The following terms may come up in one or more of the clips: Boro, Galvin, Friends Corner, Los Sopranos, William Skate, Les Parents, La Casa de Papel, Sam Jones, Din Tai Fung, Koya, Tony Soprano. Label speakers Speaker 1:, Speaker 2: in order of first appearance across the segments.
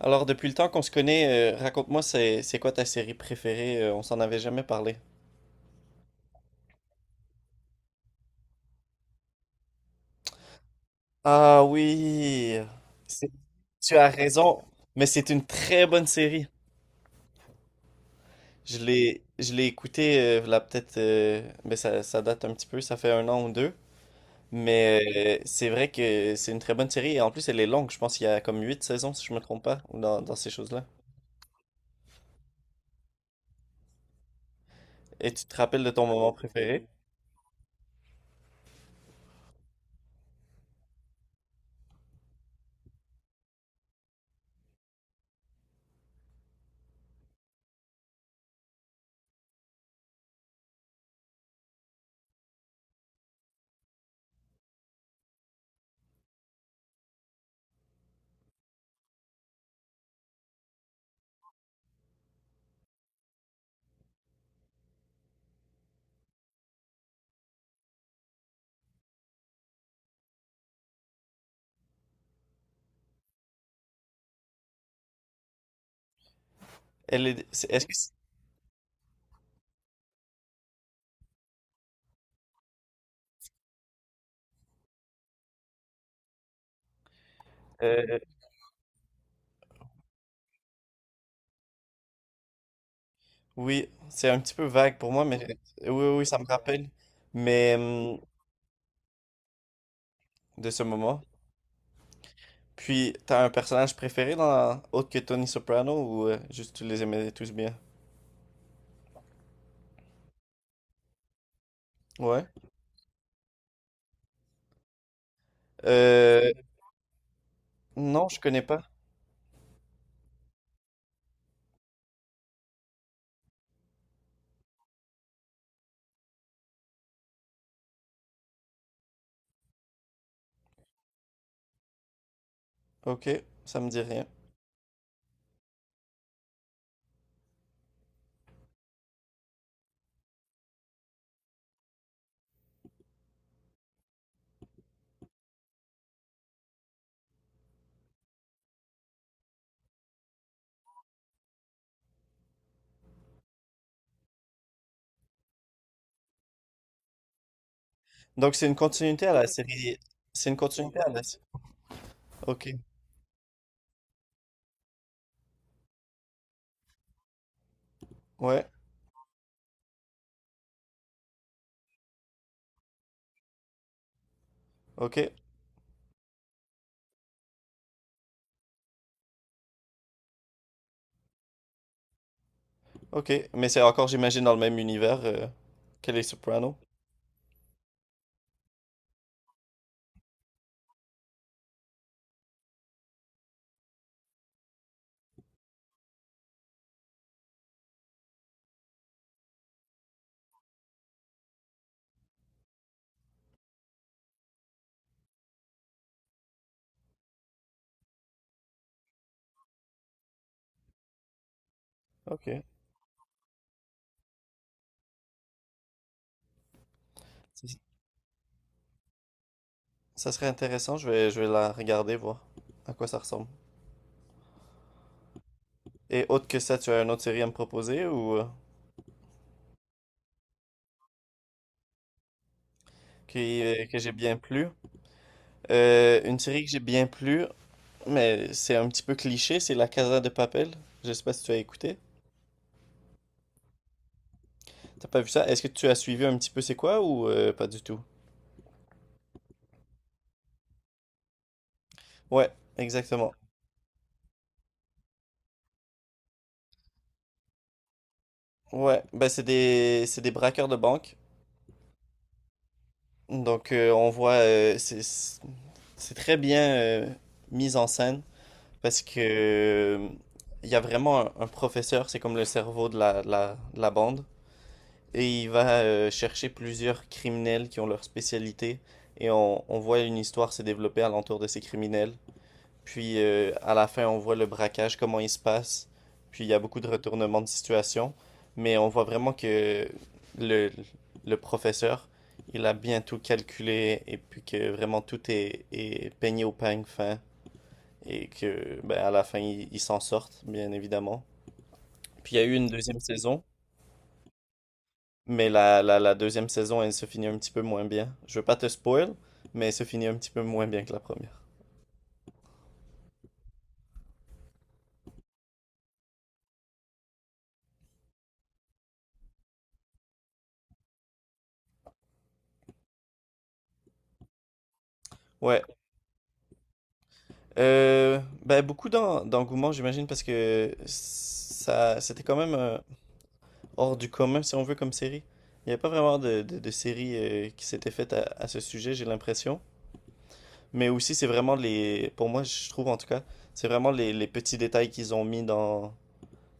Speaker 1: Alors, depuis le temps qu'on se connaît, raconte-moi, c'est quoi ta série préférée? On s'en avait jamais parlé. Ah oui, c'est- tu as raison, mais c'est une très bonne série. Je l'ai écoutée, là peut-être, mais ça date un petit peu, ça fait un an ou deux. Mais c'est vrai que c'est une très bonne série et en plus elle est longue, je pense qu'il y a comme huit saisons si je me trompe pas, ou dans ces choses-là. Et tu te rappelles de ton moment préféré? Elle est, c'est- est-ce que c'est- euh, Oui, c'est un petit peu vague pour moi, mais ouais. Oui, oui, oui, ça me rappelle. Mais hum, de ce moment. Puis, t'as un personnage préféré dans autre que Tony Soprano ou juste tu les aimais tous bien? Ouais. Euh, non, je connais pas. Ok, ça me dit rien. Donc c'est une continuité à la série. C'est une continuité à la série. Ok. Ouais. Ok. Ok. Mais c'est encore, j'imagine, dans le même univers que les Sopranos. Ok. Ça ça serait intéressant. Je vais la regarder, voir à quoi ça ressemble. Et autre que ça, tu as une autre série à me proposer ou qui, que j'ai bien plu? Une série que j'ai bien plu, mais c'est un petit peu cliché, c'est La Casa de Papel. Je sais pas si tu as écouté. T'as pas vu ça? Est-ce que tu as suivi un petit peu c'est quoi ou pas du tout? Ouais, exactement. Ouais, ben c'est des braqueurs de banque. Donc on voit c'est c'est très bien mis en scène parce que il y a vraiment un professeur, c'est comme le cerveau de la de la bande. Et il va chercher plusieurs criminels qui ont leur spécialité. Et on voit une histoire se développer alentour de ces criminels. Puis à la fin, on voit le braquage, comment il se passe. Puis il y a beaucoup de retournements de situation. Mais on voit vraiment que le, le professeur, il a bien tout calculé. Et puis que vraiment tout est peigné au peigne fin. Et que ben, à la fin, ils il s'en sortent, bien évidemment. Puis il y a eu une deuxième saison. Mais la deuxième saison, elle se finit un petit peu moins bien. Je veux pas te spoil, mais elle se finit un petit peu moins bien que la première. Ouais. Ben, beaucoup d'engouement, j'imagine, parce que ça, c'était quand même hors du commun, si on veut, comme série. Il n'y a pas vraiment de, de série qui s'était faite à ce sujet, j'ai l'impression. Mais aussi, c'est vraiment les... Pour moi, je trouve, en tout cas, c'est vraiment les petits détails qu'ils ont mis dans,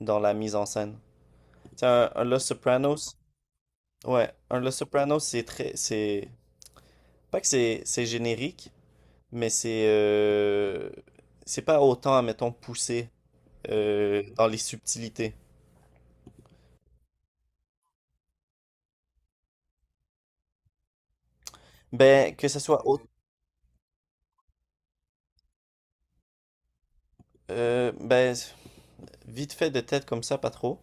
Speaker 1: dans la mise en scène. Tu sais, un Los Sopranos... Ouais, un Los Sopranos, c'est très... C'est pas que c'est générique, mais c'est pas autant, admettons, poussé dans les subtilités. Ben, que ce soit ben, vite fait de tête comme ça, pas trop.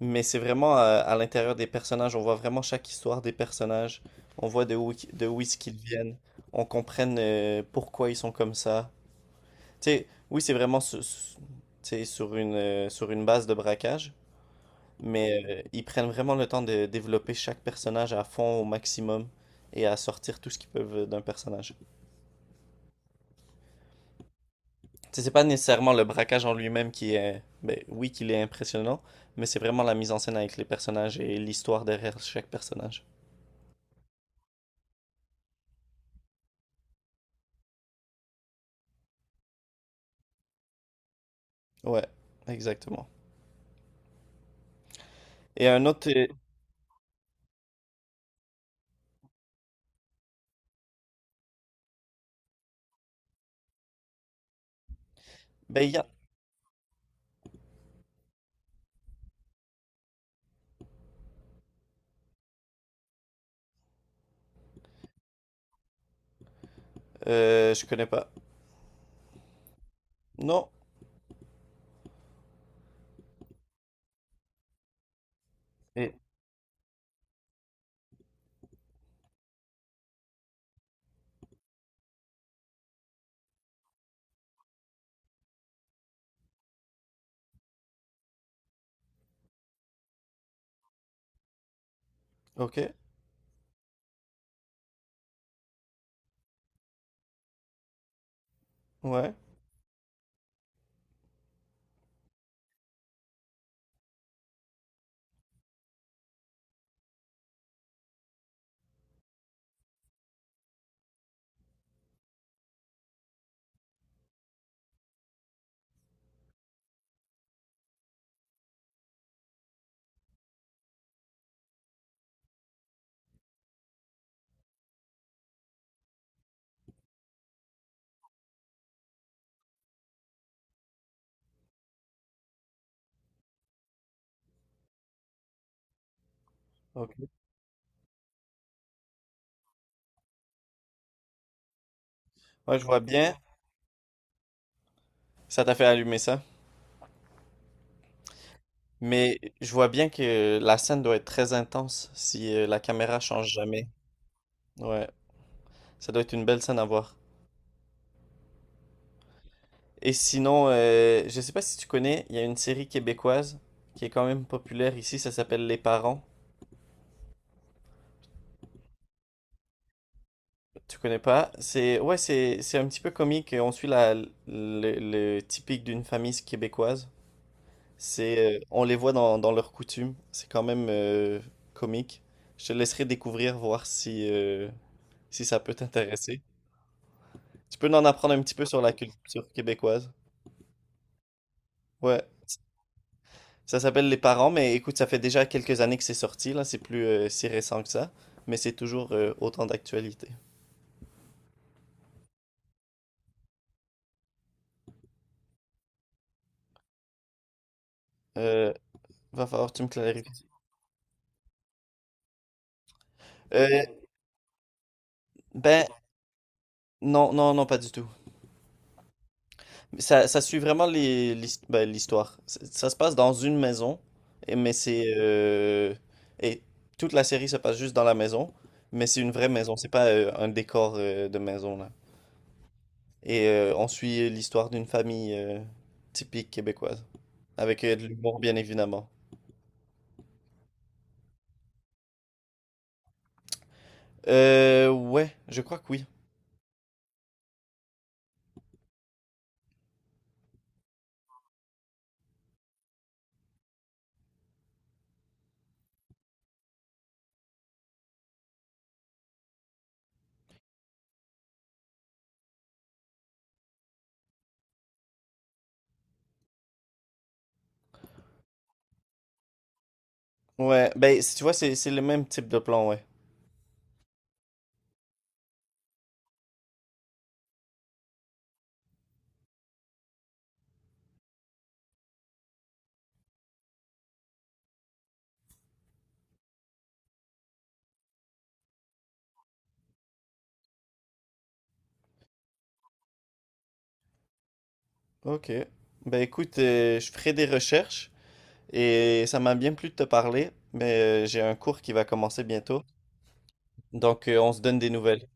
Speaker 1: Mais c'est vraiment à l'intérieur des personnages. On voit vraiment chaque histoire des personnages. On voit de où est-ce qu'ils viennent. On comprenne pourquoi ils sont comme ça. Tu sais, oui, c'est vraiment tu sais, sur une base de braquage. Mais ils prennent vraiment le temps de développer chaque personnage à fond au maximum et à sortir tout ce qu'ils peuvent d'un personnage. Tu sais, c'est pas nécessairement le braquage en lui-même qui est, ben oui, qu'il est impressionnant, mais c'est vraiment la mise en scène avec les personnages et l'histoire derrière chaque personnage. Ouais, exactement. Et un autre, ben il y a, je connais pas. Non. Et ok, ouais, ok. Ouais, je vois bien. Ça t'a fait allumer ça. Mais je vois bien que la scène doit être très intense si la caméra change jamais. Ouais, ça doit être une belle scène à voir. Et sinon, je sais pas si tu connais, il y a une série québécoise qui est quand même populaire ici, ça s'appelle Les Parents. Tu connais pas? C'est ouais, c'est un petit peu comique, on suit la le typique d'une famille québécoise. C'est on les voit dans leurs coutumes, c'est quand même comique. Je te laisserai découvrir voir si si ça peut t'intéresser. Tu peux en apprendre un petit peu sur la culture québécoise. Ouais. Ça s'appelle Les Parents, mais écoute, ça fait déjà quelques années que c'est sorti, là, c'est plus si récent que ça, mais c'est toujours autant d'actualité. Euh, Va falloir que tu me clarifies. Euh, ben, non, pas du tout. Ça suit vraiment les, ben, l'histoire. Ça se passe dans une maison, et- mais c'est... euh, et toute la série se passe juste dans la maison, mais c'est une vraie maison, c'est pas un décor de maison, là. Et on suit l'histoire d'une famille typique québécoise, avec de l'humour, bien évidemment. Ouais, je crois que oui. Ouais, ben, si tu vois, c'est le même type de plan, ouais. Ok. Ben, écoute, je ferai des recherches et ça m'a bien plu de te parler, mais j'ai un cours qui va commencer bientôt. Donc, on se donne des nouvelles.